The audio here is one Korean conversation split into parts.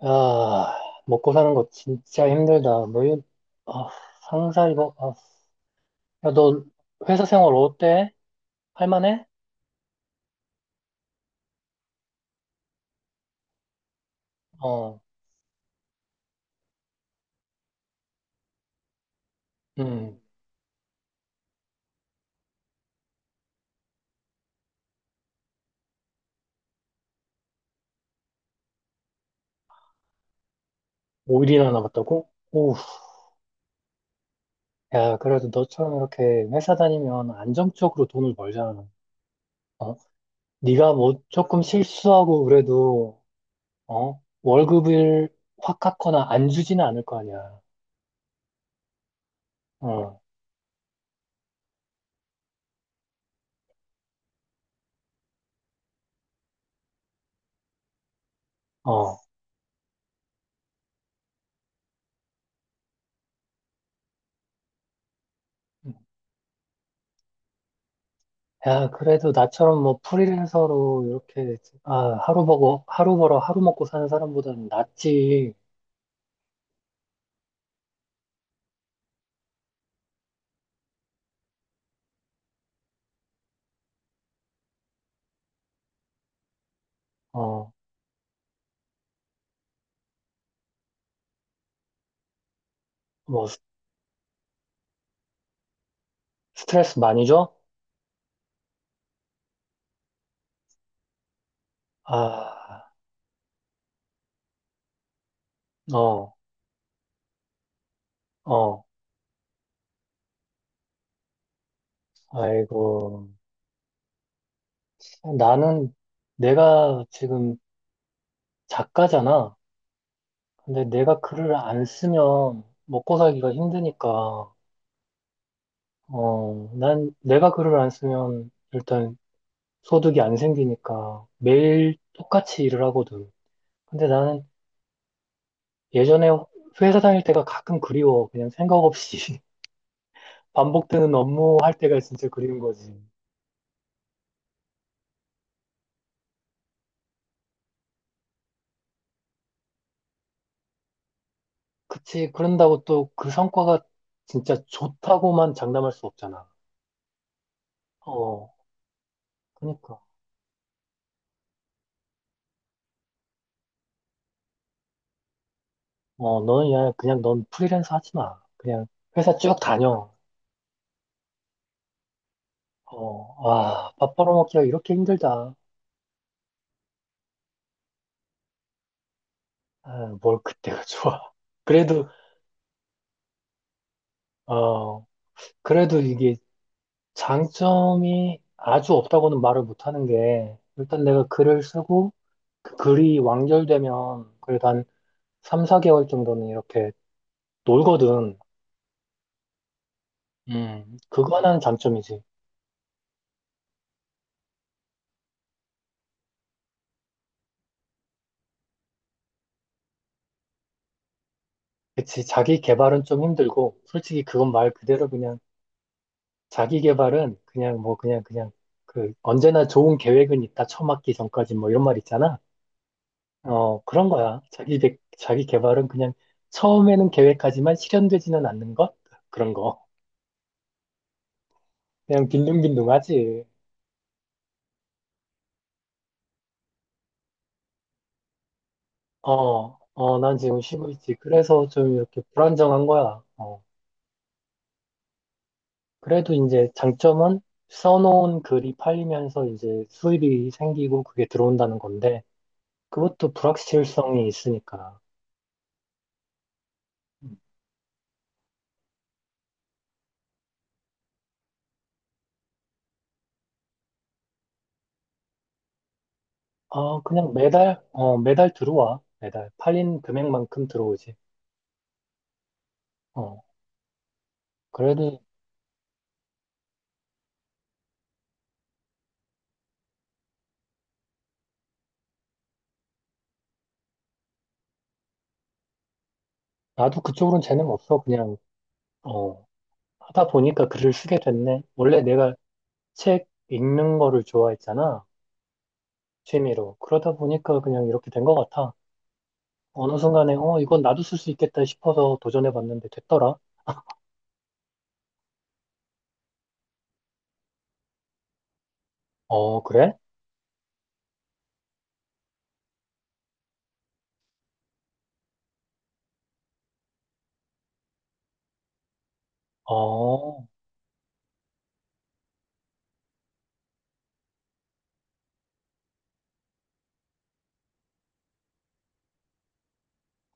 아, 먹고 사는 거 진짜 힘들다. 뭐, 아, 상사 이거, 아, 야, 너 회사 생활 어때? 할만해? 어, 음, 5일이나 남았다고? 오, 야, 그래도 너처럼 이렇게 회사 다니면 안정적으로 돈을 벌잖아. 어, 네가 뭐 조금 실수하고 그래도, 어, 월급을 확 깎거나 안 주지는 않을 거 아니야. 어, 어. 야, 그래도 나처럼 뭐 프리랜서로 이렇게, 아, 하루 벌고, 하루 벌어 하루 먹고 사는 사람보다는 낫지. 어, 뭐, 스트레스 많이 줘? 아, 어, 어, 아이고. 나는 내가 지금 작가잖아. 근데 내가 글을 안 쓰면 먹고 살기가 힘드니까, 어, 난 내가 글을 안 쓰면 일단 소득이 안 생기니까 매일 똑같이 일을 하거든. 근데 나는 예전에 회사 다닐 때가 가끔 그리워. 그냥 생각 없이 반복되는 업무 할 때가 진짜 그리운 거지. 그치. 그런다고 또 그 성과가 진짜 좋다고만 장담할 수 없잖아. 어, 그니까. 어, 너는 그냥, 그냥 넌 프리랜서 하지 마. 그냥 회사 쭉 다녀. 어, 아, 밥 벌어먹기가 이렇게 힘들다. 아, 뭘 그때가 좋아. 그래도, 어, 그래도 이게 장점이 아주 없다고는 말을 못하는 게, 일단 내가 글을 쓰고, 그 글이 완결되면 그래도 한 3, 4개월 정도는 이렇게 놀거든. 그거 하나는 장점이지. 그치, 자기 개발은 좀 힘들고, 솔직히 그건 말 그대로 그냥, 자기 개발은 그냥 뭐, 그, 언제나 좋은 계획은 있다, 처 맞기 전까지 뭐 이런 말 있잖아. 어, 그런 거야. 자기, 자기 개발은 그냥 처음에는 계획하지만 실현되지는 않는 것? 그런 거. 그냥 빈둥빈둥하지. 어, 어, 난 지금 쉬고 있지. 그래서 좀 이렇게 불안정한 거야. 어. 그래도 이제 장점은 써놓은 글이 팔리면서 이제 수입이 생기고 그게 들어온다는 건데 그것도 불확실성이 있으니까. 아, 그냥 매달, 어, 매달 들어와. 매달. 팔린 금액만큼 들어오지. 어, 그래도 나도 그쪽으로는 재능 없어. 그냥, 어, 하다 보니까 글을 쓰게 됐네. 원래 내가 책 읽는 거를 좋아했잖아. 취미로. 그러다 보니까 그냥 이렇게 된 것 같아. 어느 순간에, 어, 이건 나도 쓸 수 있겠다 싶어서 도전해 봤는데 됐더라. 어, 그래? 어,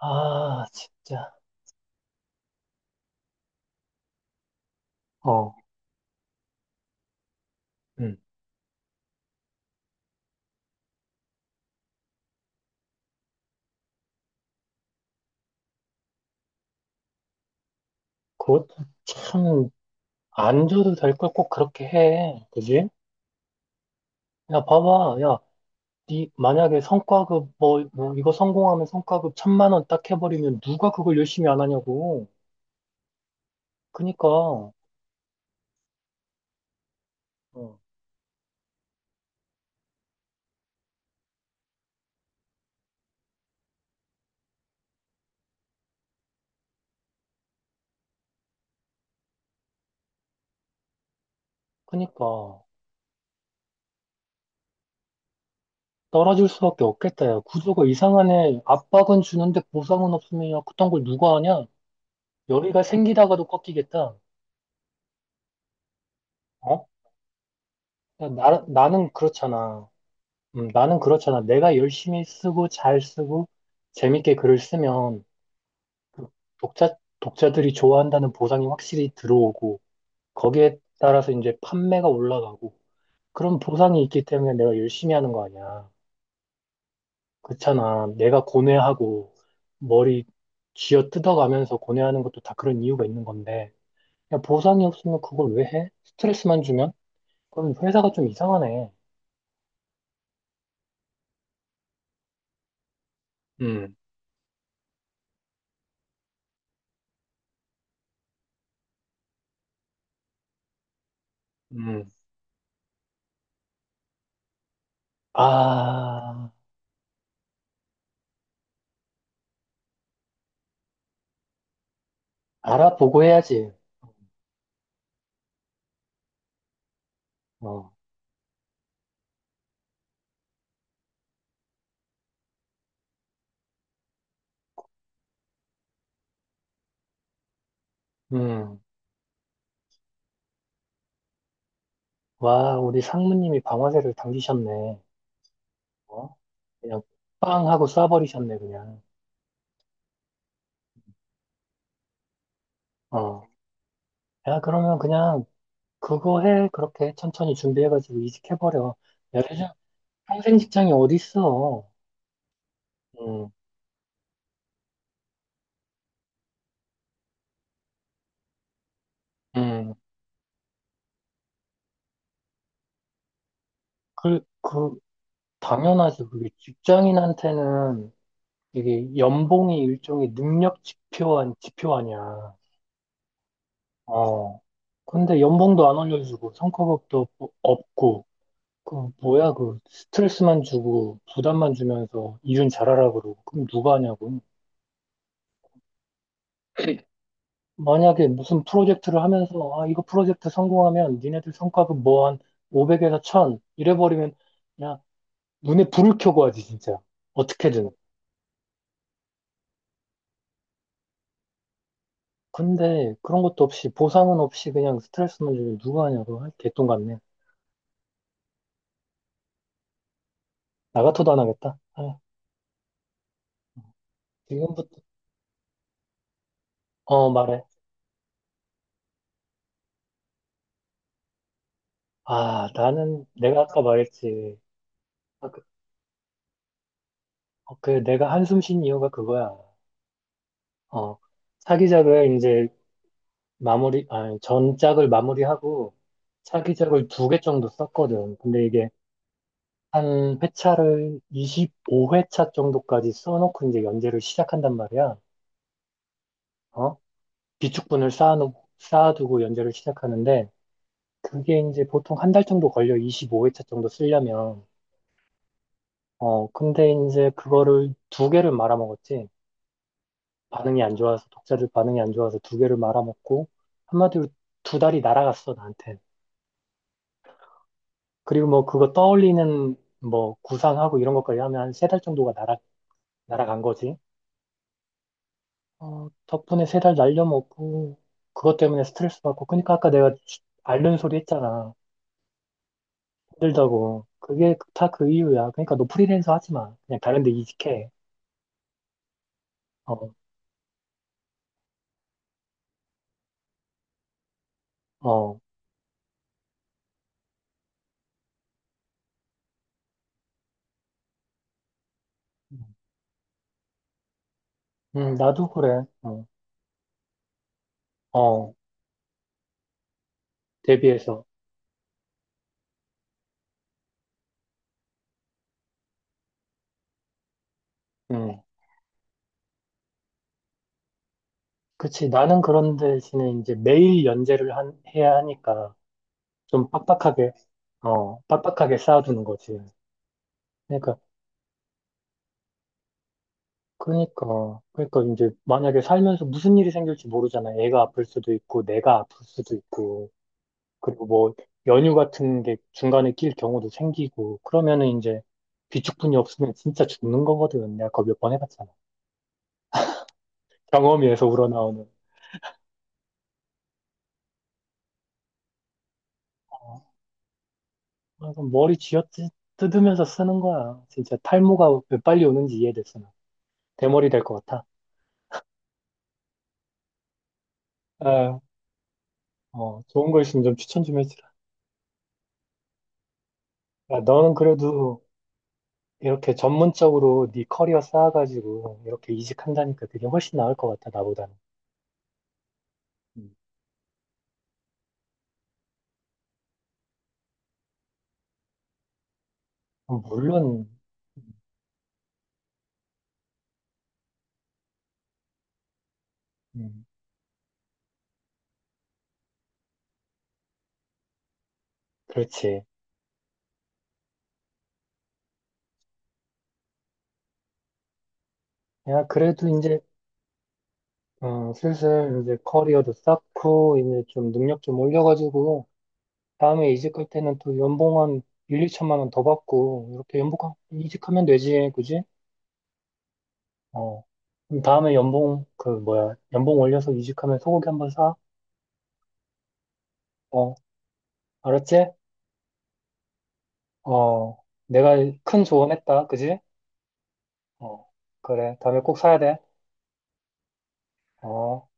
아, 진짜. 어, 음. 그것도 참, 안 줘도 될걸 꼭 그렇게 해. 그지? 야, 봐봐. 야, 니, 만약에 성과급, 뭐, 뭐, 이거 성공하면 성과급 1,000만 원 딱 해버리면 누가 그걸 열심히 안 하냐고. 그니까, 어, 그니까. 떨어질 수밖에 없겠다, 야. 구조가 이상하네. 압박은 주는데 보상은 없으면, 야, 그딴 걸 누가 하냐? 열의가 생기다가도 꺾이겠다. 어? 야, 나는 그렇잖아. 나는 그렇잖아. 내가 열심히 쓰고 잘 쓰고 재밌게 글을 쓰면 그 독자, 독자들이 좋아한다는 보상이 확실히 들어오고 거기에 따라서 이제 판매가 올라가고 그런 보상이 있기 때문에 내가 열심히 하는 거 아니야. 그렇잖아. 내가 고뇌하고 머리 쥐어 뜯어가면서 고뇌하는 것도 다 그런 이유가 있는 건데 야, 보상이 없으면 그걸 왜 해? 스트레스만 주면? 그럼 회사가 좀 이상하네. 음, 음. 아, 알아보고 해야지. 어. 음, 와, 우리 상무님이 방아쇠를 당기셨네. 어? 그냥 빵 하고 쏴버리셨네, 그냥. 어. 야, 그러면 그냥 그거 해. 그렇게 천천히 준비해가지고 이직해버려. 야, 요즘 평생 직장이 어딨어. 음, 음. 그, 그, 당연하지. 그게 직장인한테는 이게 연봉이 일종의 능력 지표 한 지표 아니야. 어. 근데 연봉도 안 올려주고, 성과급도 없고, 그 뭐야 그 스트레스만 주고 부담만 주면서 이윤 잘하라 그러고 그럼 누가 하냐고. 만약에 무슨 프로젝트를 하면서 아 이거 프로젝트 성공하면 니네들 성과급 뭐 한 500에서 1000 이래버리면 그냥 눈에 불을 켜고 하지 진짜 어떻게든 근데 그런 것도 없이 보상은 없이 그냥 스트레스만 주면 누가 하냐고. 아, 개똥 같네. 나 같아도 안 하겠다. 아, 지금부터 어 말해. 아 나는 내가 아까 말했지. 아, 그, 어, 그 내가 한숨 쉰 이유가 그거야. 어, 사기작을 이제 마무리, 아니, 전작을 마무리하고 사기작을 두 개 정도 썼거든. 근데 이게 한 회차를 25회차 정도까지 써놓고 이제 연재를 시작한단 말이야. 어? 비축분을 쌓아놓 쌓아두고 연재를 시작하는데 그게 이제 보통 한 달 정도 걸려. 25회차 정도 쓰려면. 어, 근데 이제 그거를 두 개를 말아먹었지. 반응이 안 좋아서, 독자들 반응이 안 좋아서 두 개를 말아먹고 한마디로 두 달이 날아갔어, 나한테. 그리고 뭐 그거 떠올리는 뭐 구상하고 이런 것까지 하면 한 세 달 정도가 날아간 거지. 어, 덕분에 세 달 날려먹고 그것 때문에 스트레스 받고 그러니까 아까 내가 앓는 소리 했잖아. 힘들다고. 그게 다 그 이유야. 그러니까 너 프리랜서 하지 마. 그냥 다른 데 이직해. 어, 어. 나도 그래. 어, 어, 대비해서. 음. 그치. 나는 그런 대신에 이제 매일 연재를 해야 하니까 좀 빡빡하게, 어, 빡빡하게 쌓아두는 거지. 그러니까 그러니까, 그러니까 이제 만약에 살면서 무슨 일이 생길지 모르잖아. 애가 아플 수도 있고, 내가 아플 수도 있고, 그리고 뭐 연휴 같은 게 중간에 낄 경우도 생기고, 그러면은 이제 비축분이 없으면 진짜 죽는 거거든. 내가 그거 몇 번 해봤잖아. 경험에서 우러나오는. 아, 그럼 머리 뜯으면서 쓰는 거야. 진짜 탈모가 왜 빨리 오는지 이해됐어. 나. 대머리 될 것 같아. 아, 어, 좋은 거 있으면 좀 추천 좀 해주라. 야, 너는 그래도 이렇게 전문적으로 네 커리어 쌓아가지고 이렇게 이직한다니까 그게 훨씬 나을 것 같아, 나보다는. 음. 물론, 음, 그렇지. 야, 그래도 이제, 어, 슬슬 이제 커리어도 쌓고, 이제 좀 능력 좀 올려가지고, 다음에 이직할 때는 또 연봉 한 1, 2,000만 원 더 받고, 이렇게 연봉, 이직하면 되지, 그지? 어. 그럼 다음에 연봉, 그, 뭐야, 연봉 올려서 이직하면 소고기 한 번 사? 어, 알았지? 어, 내가 큰 조언했다, 그지? 어, 그래. 다음에 꼭 사야 돼. 어.